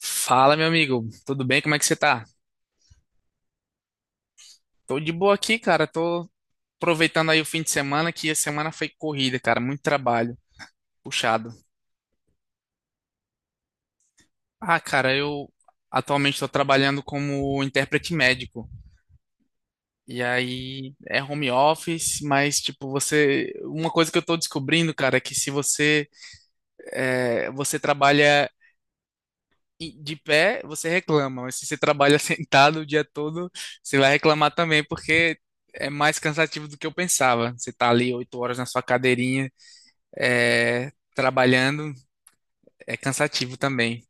Fala, meu amigo. Tudo bem? Como é que você tá? Tô de boa aqui, cara. Tô aproveitando aí o fim de semana, que a semana foi corrida, cara. Muito trabalho, puxado. Ah, cara, eu atualmente tô trabalhando como intérprete médico. E aí é home office, mas tipo, você. Uma coisa que eu tô descobrindo, cara, é que se você, você trabalha e de pé você reclama, mas se você trabalha sentado o dia todo, você vai reclamar também, porque é mais cansativo do que eu pensava. Você tá ali 8 horas na sua cadeirinha, trabalhando, é cansativo também.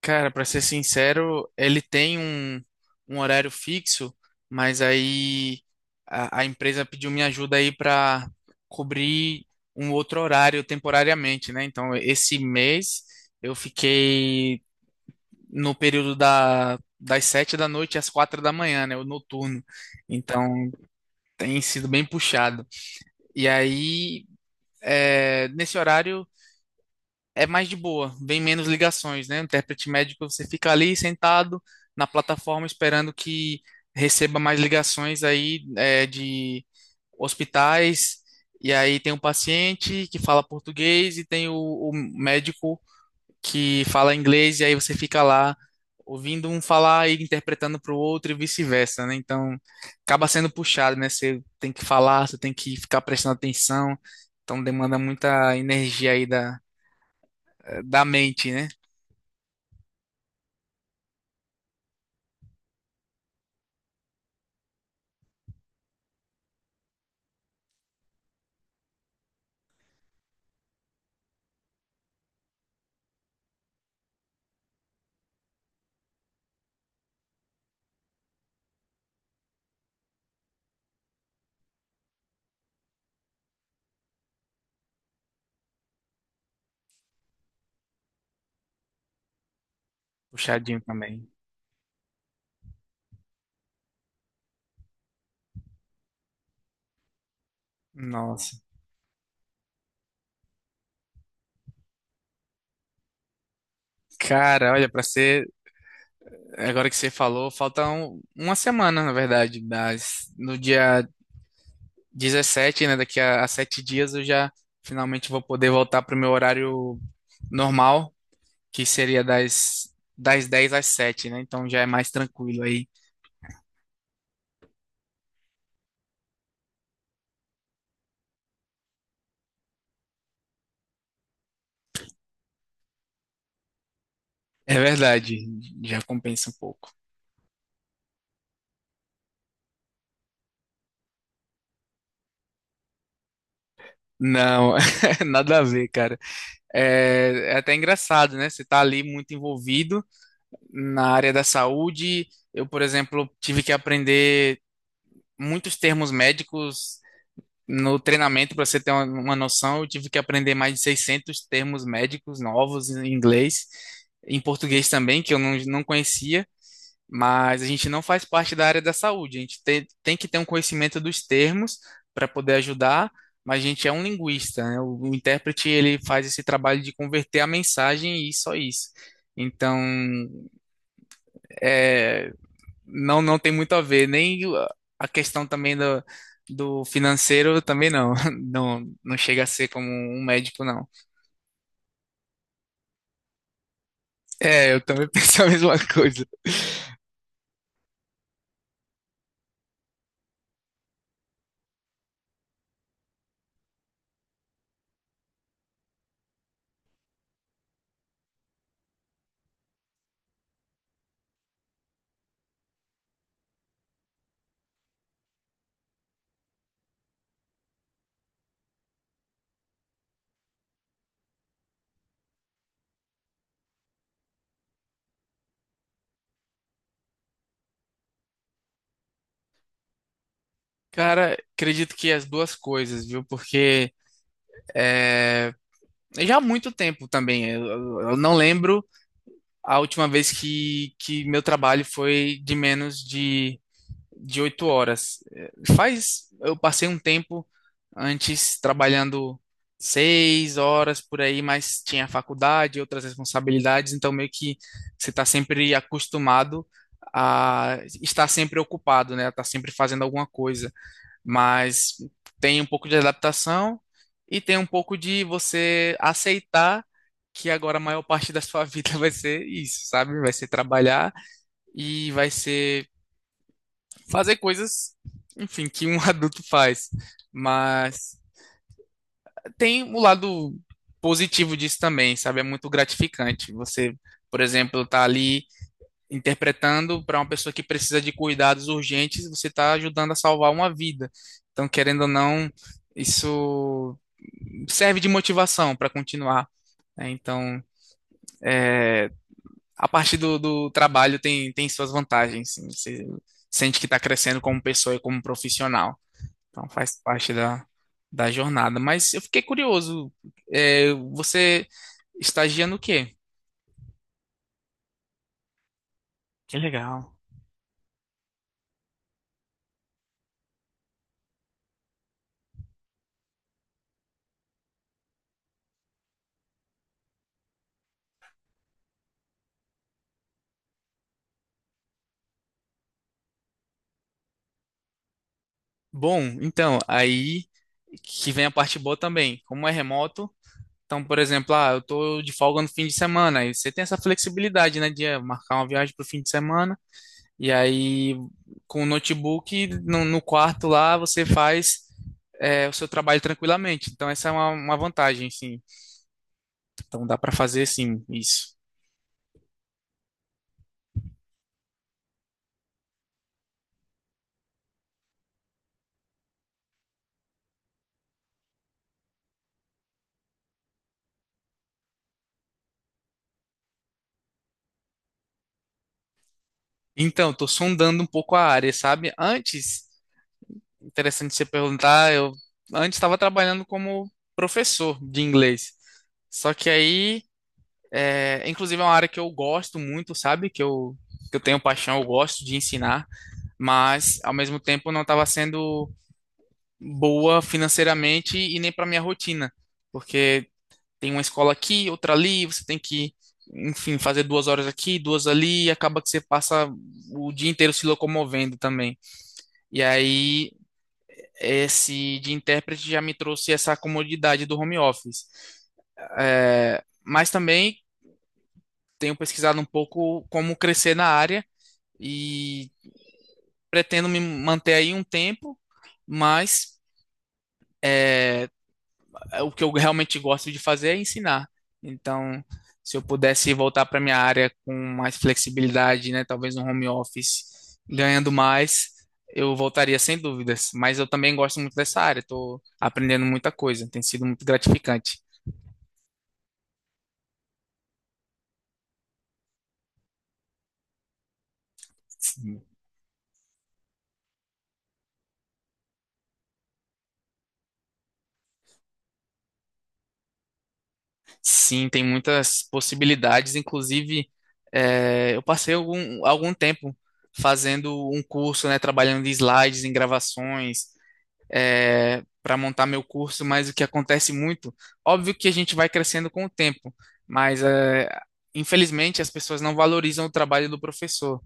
Cara, para ser sincero, ele tem um horário fixo, mas aí a empresa pediu minha ajuda aí para cobrir um outro horário temporariamente, né? Então, esse mês eu fiquei no período das 7 da noite às 4 da manhã, né? O noturno. Então tem sido bem puxado. E aí, nesse horário é mais de boa, vem menos ligações, né? O intérprete médico, você fica ali sentado na plataforma esperando que receba mais ligações aí de hospitais. E aí tem um paciente que fala português e tem o médico que fala inglês e aí você fica lá ouvindo um falar e interpretando para o outro e vice-versa, né? Então acaba sendo puxado, né? Você tem que falar, você tem que ficar prestando atenção, então demanda muita energia aí da mente, né? Puxadinho também. Nossa. Cara, olha, para ser, agora que você falou, falta uma semana, na verdade, das, no dia 17, né, daqui a 7 dias eu já finalmente vou poder voltar pro meu horário normal que seria das 10 às 7, né? Então já é mais tranquilo aí. É verdade, já compensa um pouco. Não, nada a ver, cara. É até engraçado, né? Você tá ali muito envolvido na área da saúde. Eu, por exemplo, tive que aprender muitos termos médicos no treinamento, para você ter uma noção. Eu tive que aprender mais de 600 termos médicos novos em inglês, em português também, que eu não conhecia. Mas a gente não faz parte da área da saúde. A gente tem que ter um conhecimento dos termos para poder ajudar, mas a gente é um linguista, né? O intérprete ele faz esse trabalho de converter a mensagem e só isso. Então, é, não tem muito a ver, nem a questão também do financeiro também não. Não, não chega a ser como um médico, não. É, eu também penso a mesma coisa. Cara, acredito que as duas coisas, viu? Porque é, já há muito tempo também. Eu não lembro a última vez que meu trabalho foi de menos de 8 horas. Faz, eu passei um tempo antes trabalhando 6 horas por aí, mas tinha faculdade, outras responsabilidades, então meio que você está sempre acostumado a estar sempre ocupado, né? A sempre fazendo alguma coisa. Mas tem um pouco de adaptação e tem um pouco de você aceitar que agora a maior parte da sua vida vai ser isso, sabe? Vai ser trabalhar e vai ser fazer coisas, enfim, que um adulto faz. Mas tem o lado positivo disso também, sabe? É muito gratificante. Você, por exemplo, tá ali interpretando para uma pessoa que precisa de cuidados urgentes, você está ajudando a salvar uma vida. Então, querendo ou não, isso serve de motivação para continuar, né? Então, é, a parte do trabalho tem, tem suas vantagens, sim. Você sente que está crescendo como pessoa e como profissional. Então faz parte da jornada. Mas eu fiquei curioso. Você estagia no quê? Que legal. Bom, então, aí que vem a parte boa também. Como é remoto, então, por exemplo, ah, eu tô de folga no fim de semana. Aí você tem essa flexibilidade, né, de marcar uma viagem para o fim de semana. E aí, com o notebook no quarto lá, você faz o seu trabalho tranquilamente. Então, essa é uma vantagem, sim. Então, dá para fazer, sim, isso. Então, estou sondando um pouco a área, sabe? Antes, interessante você perguntar, eu antes estava trabalhando como professor de inglês. Só que aí, inclusive é uma área que eu gosto muito, sabe? Que eu tenho paixão, eu gosto de ensinar, mas ao mesmo tempo não estava sendo boa financeiramente e nem para minha rotina, porque tem uma escola aqui, outra ali, você tem que, enfim, fazer 2 horas aqui, duas ali, e acaba que você passa o dia inteiro se locomovendo também. E aí, esse de intérprete já me trouxe essa comodidade do home office. Mas também tenho pesquisado um pouco como crescer na área e pretendo me manter aí um tempo, mas o que eu realmente gosto de fazer é ensinar. Então, se eu pudesse voltar para minha área com mais flexibilidade, né, talvez no home office, ganhando mais, eu voltaria sem dúvidas. Mas eu também gosto muito dessa área, estou aprendendo muita coisa, tem sido muito gratificante. Sim, sim, tem muitas possibilidades. Inclusive, eu passei algum tempo fazendo um curso, né, trabalhando em slides, em gravações, para montar meu curso, mas o que acontece muito, óbvio que a gente vai crescendo com o tempo, mas infelizmente as pessoas não valorizam o trabalho do professor,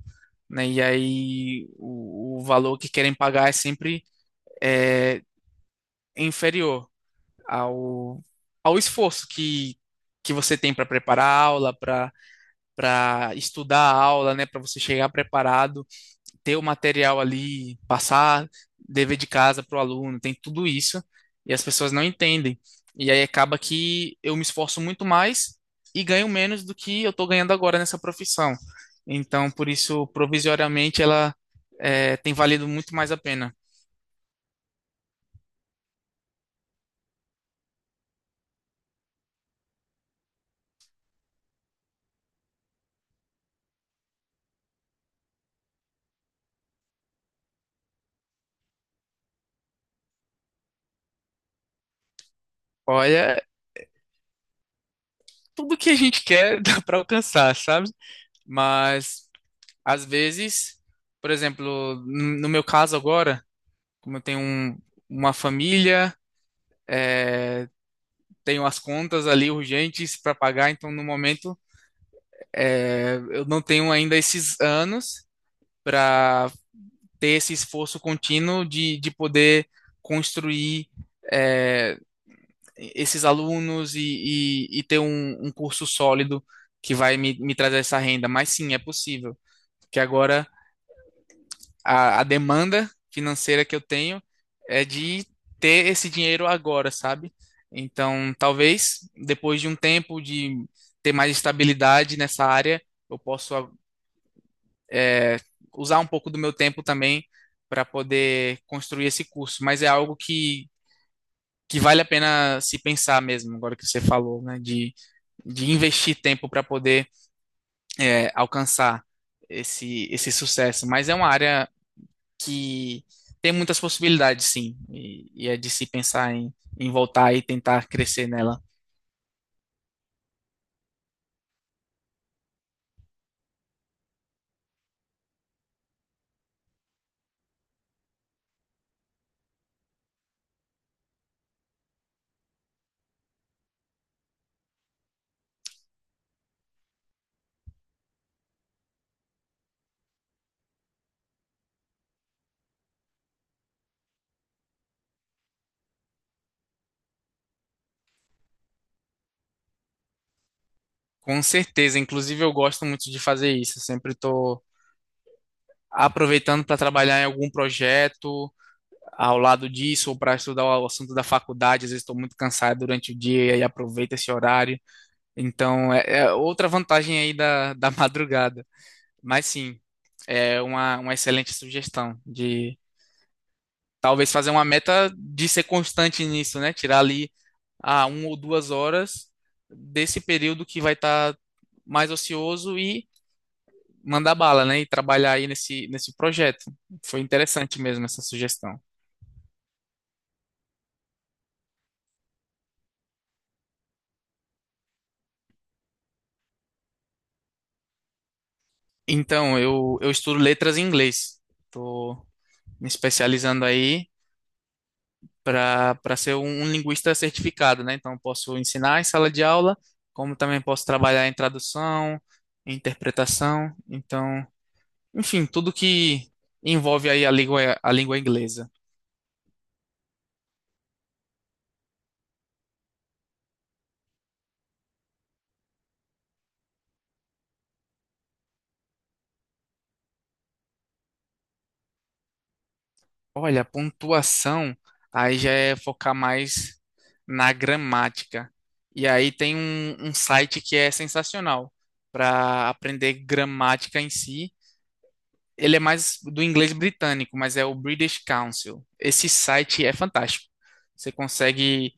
né? E aí o valor que querem pagar é sempre é, inferior ao, ao esforço que você tem para preparar a aula, para estudar a aula, né? Para você chegar preparado, ter o material ali, passar dever de casa para o aluno, tem tudo isso, e as pessoas não entendem. E aí acaba que eu me esforço muito mais e ganho menos do que eu estou ganhando agora nessa profissão. Então, por isso, provisoriamente, ela tem valido muito mais a pena. Olha, tudo que a gente quer dá para alcançar, sabe? Mas, às vezes, por exemplo, no meu caso agora, como eu tenho uma família, é, tenho as contas ali urgentes para pagar. Então, no momento, eu não tenho ainda esses anos para ter esse esforço contínuo de poder construir é, esses alunos e ter um curso sólido que vai me trazer essa renda. Mas sim, é possível, porque agora a demanda financeira que eu tenho é de ter esse dinheiro agora, sabe? Então, talvez depois de um tempo de ter mais estabilidade nessa área, eu possa é, usar um pouco do meu tempo também para poder construir esse curso. Mas é algo que vale a pena se pensar mesmo, agora que você falou, né? De investir tempo para poder alcançar esse sucesso. Mas é uma área que tem muitas possibilidades, sim, e é de se pensar em voltar e tentar crescer nela. Com certeza, inclusive eu gosto muito de fazer isso, eu sempre estou aproveitando para trabalhar em algum projeto ao lado disso, ou para estudar o assunto da faculdade. Às vezes estou muito cansado durante o dia e aí aproveito esse horário. Então, é outra vantagem aí da, da madrugada. Mas sim, é uma excelente sugestão de talvez fazer uma meta de ser constante nisso, né? Tirar ali a 1 ou 2 horas desse período que vai estar mais ocioso e mandar bala, né? E trabalhar aí nesse projeto. Foi interessante mesmo essa sugestão. Então, eu estudo letras em inglês. Estou me especializando aí para ser um linguista certificado, né? Então, eu posso ensinar em sala de aula, como também posso trabalhar em tradução, em interpretação. Então, enfim, tudo que envolve aí a língua inglesa. Olha, a pontuação aí já é focar mais na gramática. E aí tem um site que é sensacional para aprender gramática em si. Ele é mais do inglês britânico, mas é o British Council. Esse site é fantástico. Você consegue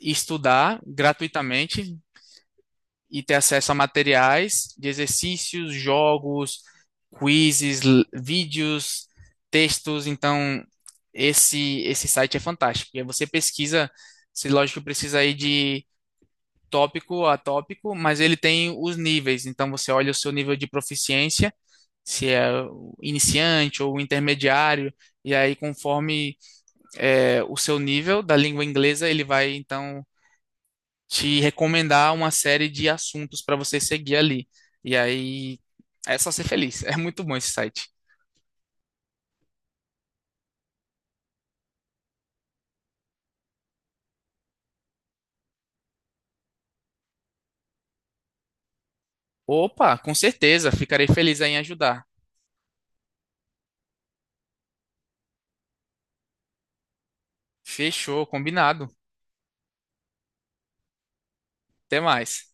estudar gratuitamente e ter acesso a materiais de exercícios, jogos, quizzes, vídeos, textos. Então, esse site é fantástico. E aí você pesquisa, se lógico precisa ir de tópico a tópico, mas ele tem os níveis. Então, você olha o seu nível de proficiência, se é o iniciante ou o intermediário, e aí conforme o seu nível da língua inglesa, ele vai então te recomendar uma série de assuntos para você seguir ali. E aí é só ser feliz. É muito bom esse site. Opa, com certeza, ficarei feliz aí em ajudar. Fechou, combinado. Até mais.